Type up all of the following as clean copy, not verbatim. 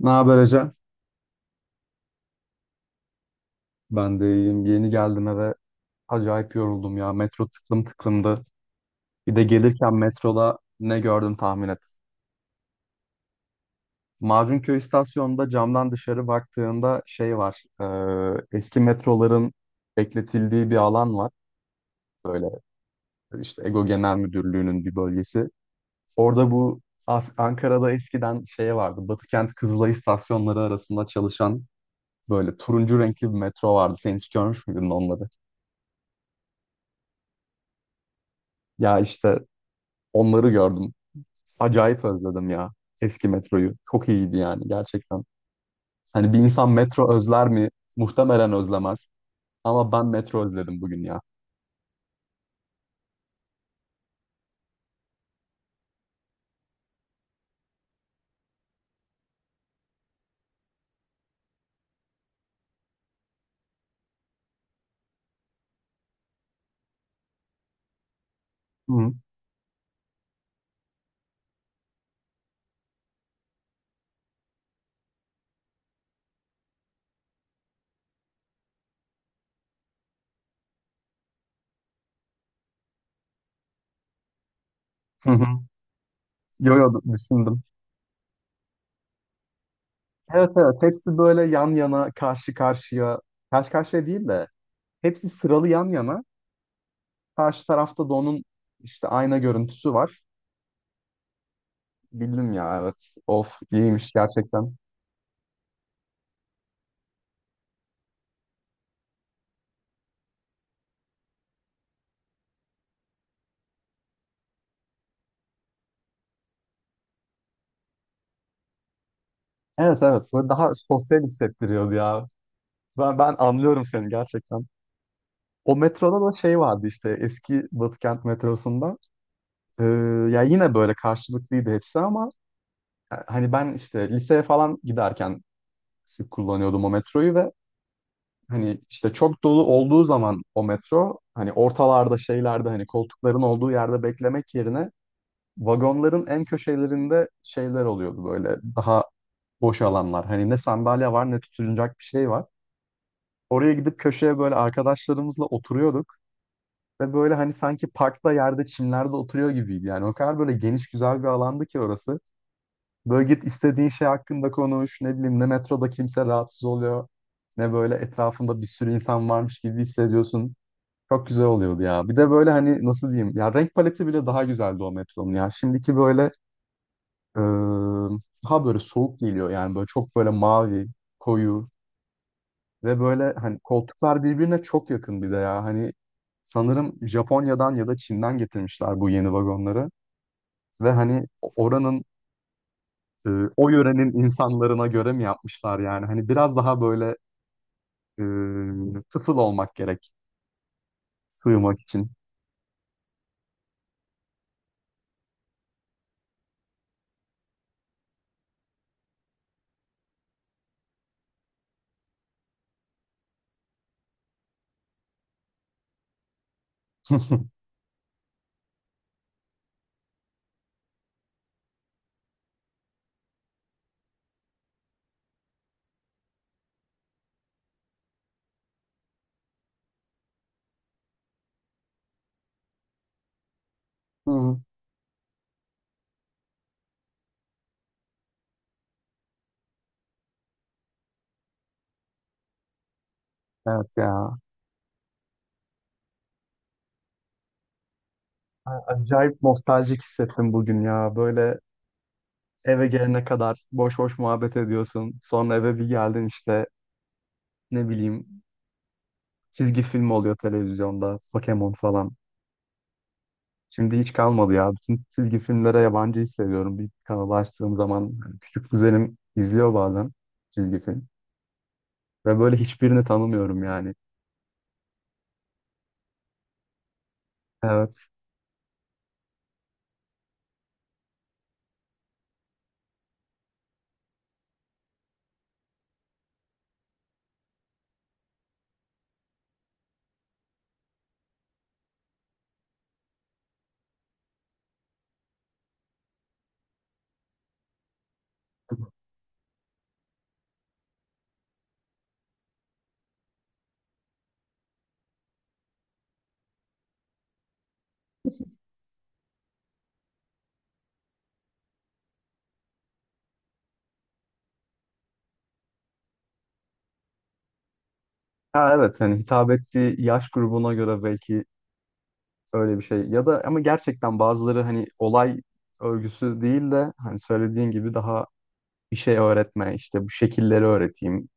Ne haber, Ece? Ben de iyiyim. Yeni geldim eve. Acayip yoruldum ya. Metro tıklım tıklımdı. Bir de gelirken metroda ne gördüm tahmin et. Macunköy istasyonunda camdan dışarı baktığında şey var. Eski metroların bekletildiği bir alan var. Böyle işte EGO Genel Müdürlüğü'nün bir bölgesi. Orada bu Ankara'da eskiden şey vardı. Batıkent Kızılay istasyonları arasında çalışan böyle turuncu renkli bir metro vardı. Sen hiç görmüş müydün onları? Ya işte onları gördüm. Acayip özledim ya eski metroyu. Çok iyiydi yani gerçekten. Hani bir insan metro özler mi? Muhtemelen özlemez. Ama ben metro özledim bugün ya. Hı hı. Hı. Yo yo, düşündüm. Evet evet, hepsi böyle yan yana karşı karşıya. Karşı karşıya değil de hepsi sıralı yan yana. Karşı tarafta da onun işte ayna görüntüsü var. Bildim ya, evet. Of, iyiymiş gerçekten. Evet evet, böyle daha sosyal hissettiriyordu ya. Ben anlıyorum seni gerçekten. O metroda da şey vardı işte eski Batıkent metrosunda. Ee, Ya yine böyle karşılıklıydı hepsi ama ya hani ben işte liseye falan giderken sık kullanıyordum o metroyu. Ve hani işte çok dolu olduğu zaman o metro hani ortalarda şeylerde hani koltukların olduğu yerde beklemek yerine vagonların en köşelerinde şeyler oluyordu, böyle daha boş alanlar. Hani ne sandalye var ne tutunacak bir şey var. Oraya gidip köşeye böyle arkadaşlarımızla oturuyorduk. Ve böyle hani sanki parkta yerde çimlerde oturuyor gibiydi. Yani o kadar böyle geniş güzel bir alandı ki orası. Böyle git istediğin şey hakkında konuş. Ne bileyim ne metroda kimse rahatsız oluyor. Ne böyle etrafında bir sürü insan varmış gibi hissediyorsun. Çok güzel oluyordu ya. Bir de böyle hani nasıl diyeyim. Ya renk paleti bile daha güzeldi o metronun ya. Şimdiki böyle eee, daha böyle soğuk geliyor. Yani böyle çok böyle mavi, koyu. Ve böyle hani koltuklar birbirine çok yakın bir de ya. Hani sanırım Japonya'dan ya da Çin'den getirmişler bu yeni vagonları. Ve hani oranın e, o yörenin insanlarına göre mi yapmışlar yani? Hani biraz daha böyle e, tıfıl olmak gerek sığmak için. Hı, evet ya. Acayip nostaljik hissettim bugün ya. Böyle eve gelene kadar boş boş muhabbet ediyorsun. Sonra eve bir geldin işte ne bileyim çizgi film oluyor televizyonda. Pokemon falan. Şimdi hiç kalmadı ya. Bütün çizgi filmlere yabancı hissediyorum. Bir kanalı açtığım zaman hani küçük kuzenim izliyor bazen çizgi film. Ve böyle hiçbirini tanımıyorum yani. Evet. Ha, evet hani hitap ettiği yaş grubuna göre belki öyle bir şey. Ya da ama gerçekten bazıları hani olay örgüsü değil de hani söylediğin gibi daha bir şey öğretme, işte bu şekilleri öğreteyim,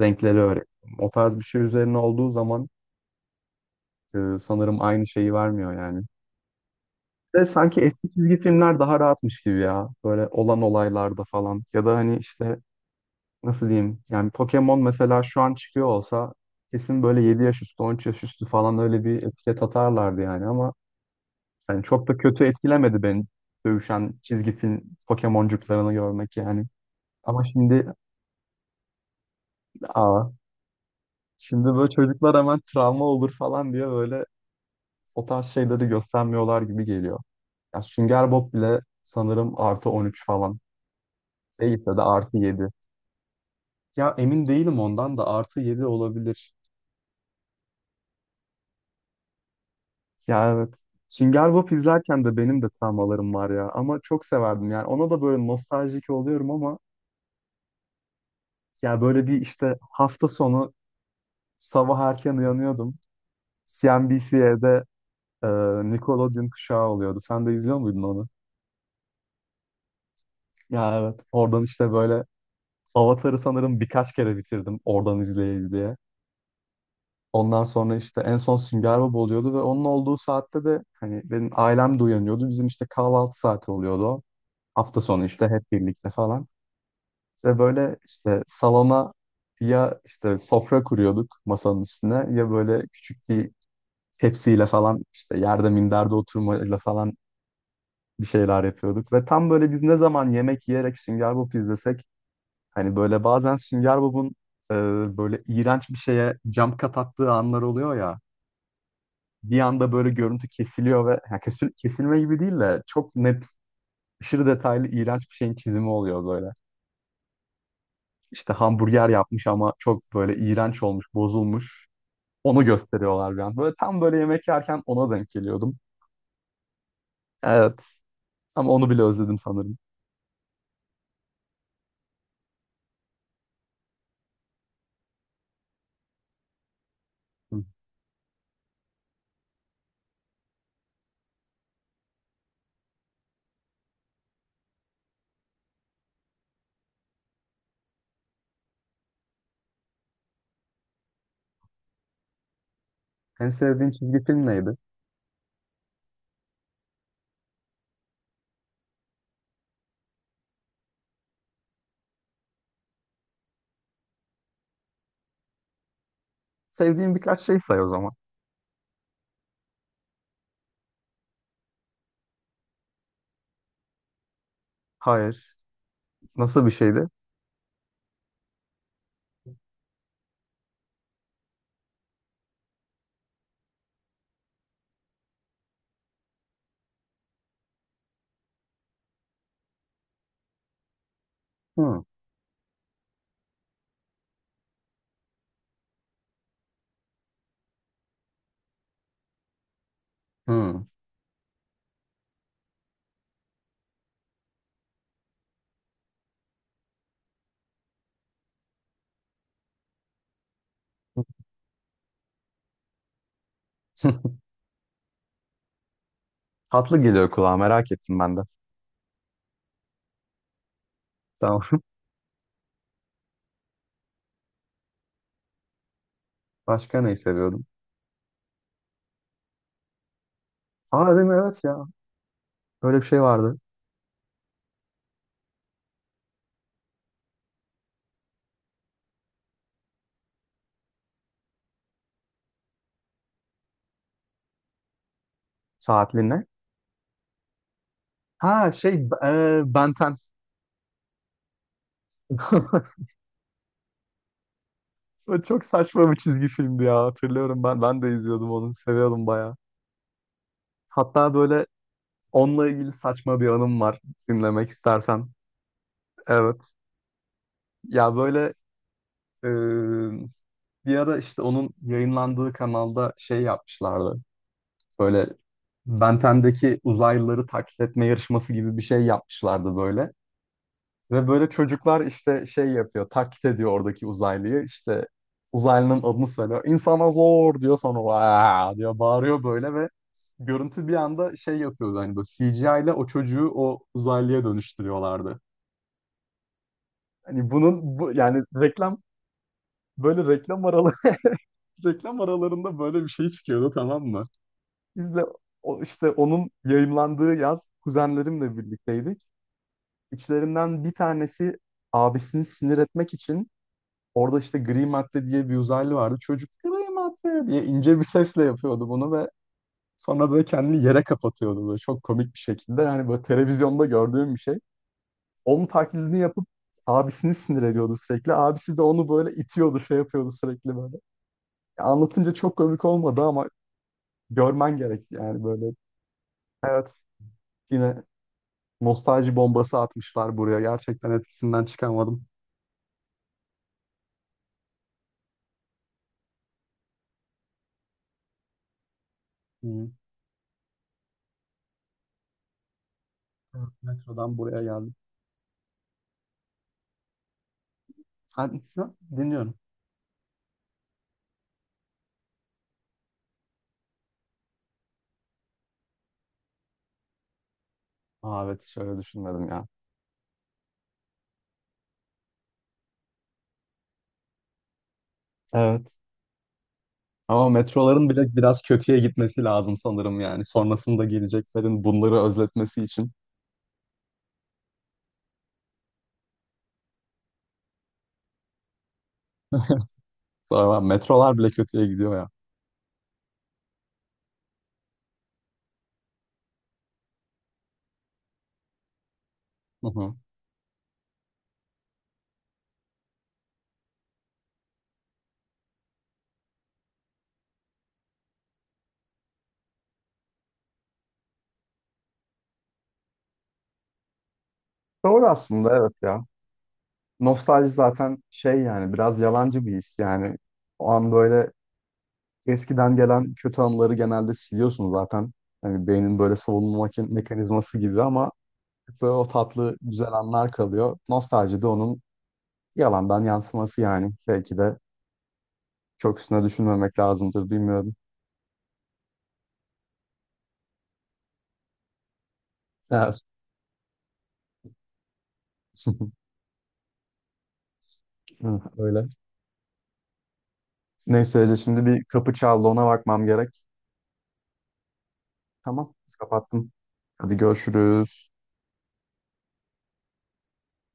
renkleri öğreteyim. O tarz bir şey üzerine olduğu zaman sanırım aynı şeyi vermiyor yani. De sanki eski çizgi filmler daha rahatmış gibi ya. Böyle olan olaylarda falan. Ya da hani işte nasıl diyeyim? Yani Pokemon mesela şu an çıkıyor olsa kesin böyle 7 yaş üstü, 13 yaş üstü falan öyle bir etiket atarlardı yani ama yani çok da kötü etkilemedi beni dövüşen çizgi film Pokemoncuklarını görmek yani. Ama şimdi aa, şimdi böyle çocuklar hemen travma olur falan diye böyle o tarz şeyleri göstermiyorlar gibi geliyor. Ya Sünger Bob bile sanırım +13 falan. Değilse de +7. Ya emin değilim, ondan da +7 olabilir. Ya evet. Sünger Bob izlerken de benim de travmalarım var ya. Ama çok severdim yani. Ona da böyle nostaljik oluyorum ama ya böyle bir işte hafta sonu sabah erken uyanıyordum. CNBC'de e, Nickelodeon kuşağı oluyordu. Sen de izliyor muydun onu? Ya evet. Oradan işte böyle Avatar'ı sanırım birkaç kere bitirdim, oradan izleyeyim diye. Ondan sonra işte en son Sünger Bob oluyordu ve onun olduğu saatte de hani benim ailem de uyanıyordu. Bizim işte kahvaltı saati oluyordu Hafta sonu işte hep birlikte falan. Ve böyle işte salona ya işte sofra kuruyorduk masanın üstüne, ya böyle küçük bir tepsiyle falan işte yerde minderde oturmayla falan bir şeyler yapıyorduk. Ve tam böyle biz ne zaman yemek yiyerek Sünger Bob izlesek, hani böyle bazen Sünger Bob'un e, böyle iğrenç bir şeye jump cut attığı anlar oluyor ya. Bir anda böyle görüntü kesiliyor ve ya kesilme gibi değil de çok net, aşırı detaylı iğrenç bir şeyin çizimi oluyor böyle. İşte hamburger yapmış ama çok böyle iğrenç olmuş, bozulmuş. Onu gösteriyorlar bir an. Böyle tam böyle yemek yerken ona denk geliyordum. Evet, ama onu bile özledim sanırım. Hı. En sevdiğin çizgi film neydi? Sevdiğin birkaç şey say o zaman. Hayır. Nasıl bir şeydi? Hı. Hı. Tatlı geliyor kulağa, merak ettim ben de. Tamam. Başka neyi seviyordum? Aa, değil mi? Evet ya. Böyle bir şey vardı. Saatliğine. Ha, şey, Ben 10. O çok saçma bir çizgi filmdi ya, hatırlıyorum, ben de izliyordum, onu seviyordum bayağı. Hatta böyle onunla ilgili saçma bir anım var, dinlemek istersen. Evet ya, böyle e, bir ara işte onun yayınlandığı kanalda şey yapmışlardı. Böyle Ben 10'deki uzaylıları taklit etme yarışması gibi bir şey yapmışlardı böyle. Ve böyle çocuklar işte şey yapıyor, taklit ediyor oradaki uzaylıyı. İşte uzaylının adını söylüyor. İnsana zor diyor, sonra "Vaa!" diyor, bağırıyor böyle ve görüntü bir anda şey yapıyordu, hani böyle CGI ile o çocuğu o uzaylıya dönüştürüyorlardı. Hani bunun, bu yani reklam, böyle reklam araları reklam aralarında böyle bir şey çıkıyordu, tamam mı? Biz de işte onun yayımlandığı yaz kuzenlerimle birlikteydik. İçlerinden bir tanesi abisini sinir etmek için, orada işte gri madde diye bir uzaylı vardı, çocuk gri madde diye ince bir sesle yapıyordu bunu ve sonra böyle kendini yere kapatıyordu böyle çok komik bir şekilde. Yani böyle televizyonda gördüğüm bir şey. Onun taklidini yapıp abisini sinir ediyordu sürekli. Abisi de onu böyle itiyordu, şey yapıyordu sürekli böyle. Ya, anlatınca çok komik olmadı ama görmen gerek yani, böyle. Evet. Yine nostalji bombası atmışlar buraya. Gerçekten etkisinden çıkamadım. Hı. Evet, metrodan buraya geldim. Ha, ne? Dinliyorum. Aa, evet, şöyle düşünmedim ya. Evet. Ama metroların bile biraz kötüye gitmesi lazım sanırım yani. Sonrasında geleceklerin bunları özletmesi için. Sonra metrolar bile kötüye gidiyor ya. Hı hı. Doğru aslında, evet ya. Nostalji zaten şey yani, biraz yalancı bir his yani. O an böyle eskiden gelen kötü anıları genelde siliyorsun zaten. Hani beynin böyle savunma mekanizması gibi, ama böyle o tatlı güzel anlar kalıyor. Nostalji de onun yalandan yansıması yani. Belki de çok üstüne düşünmemek lazımdır, bilmiyorum. Ya, hı, öyle. Neyse Ece, şimdi bir kapı çaldı, ona bakmam gerek. Tamam, kapattım. Hadi görüşürüz.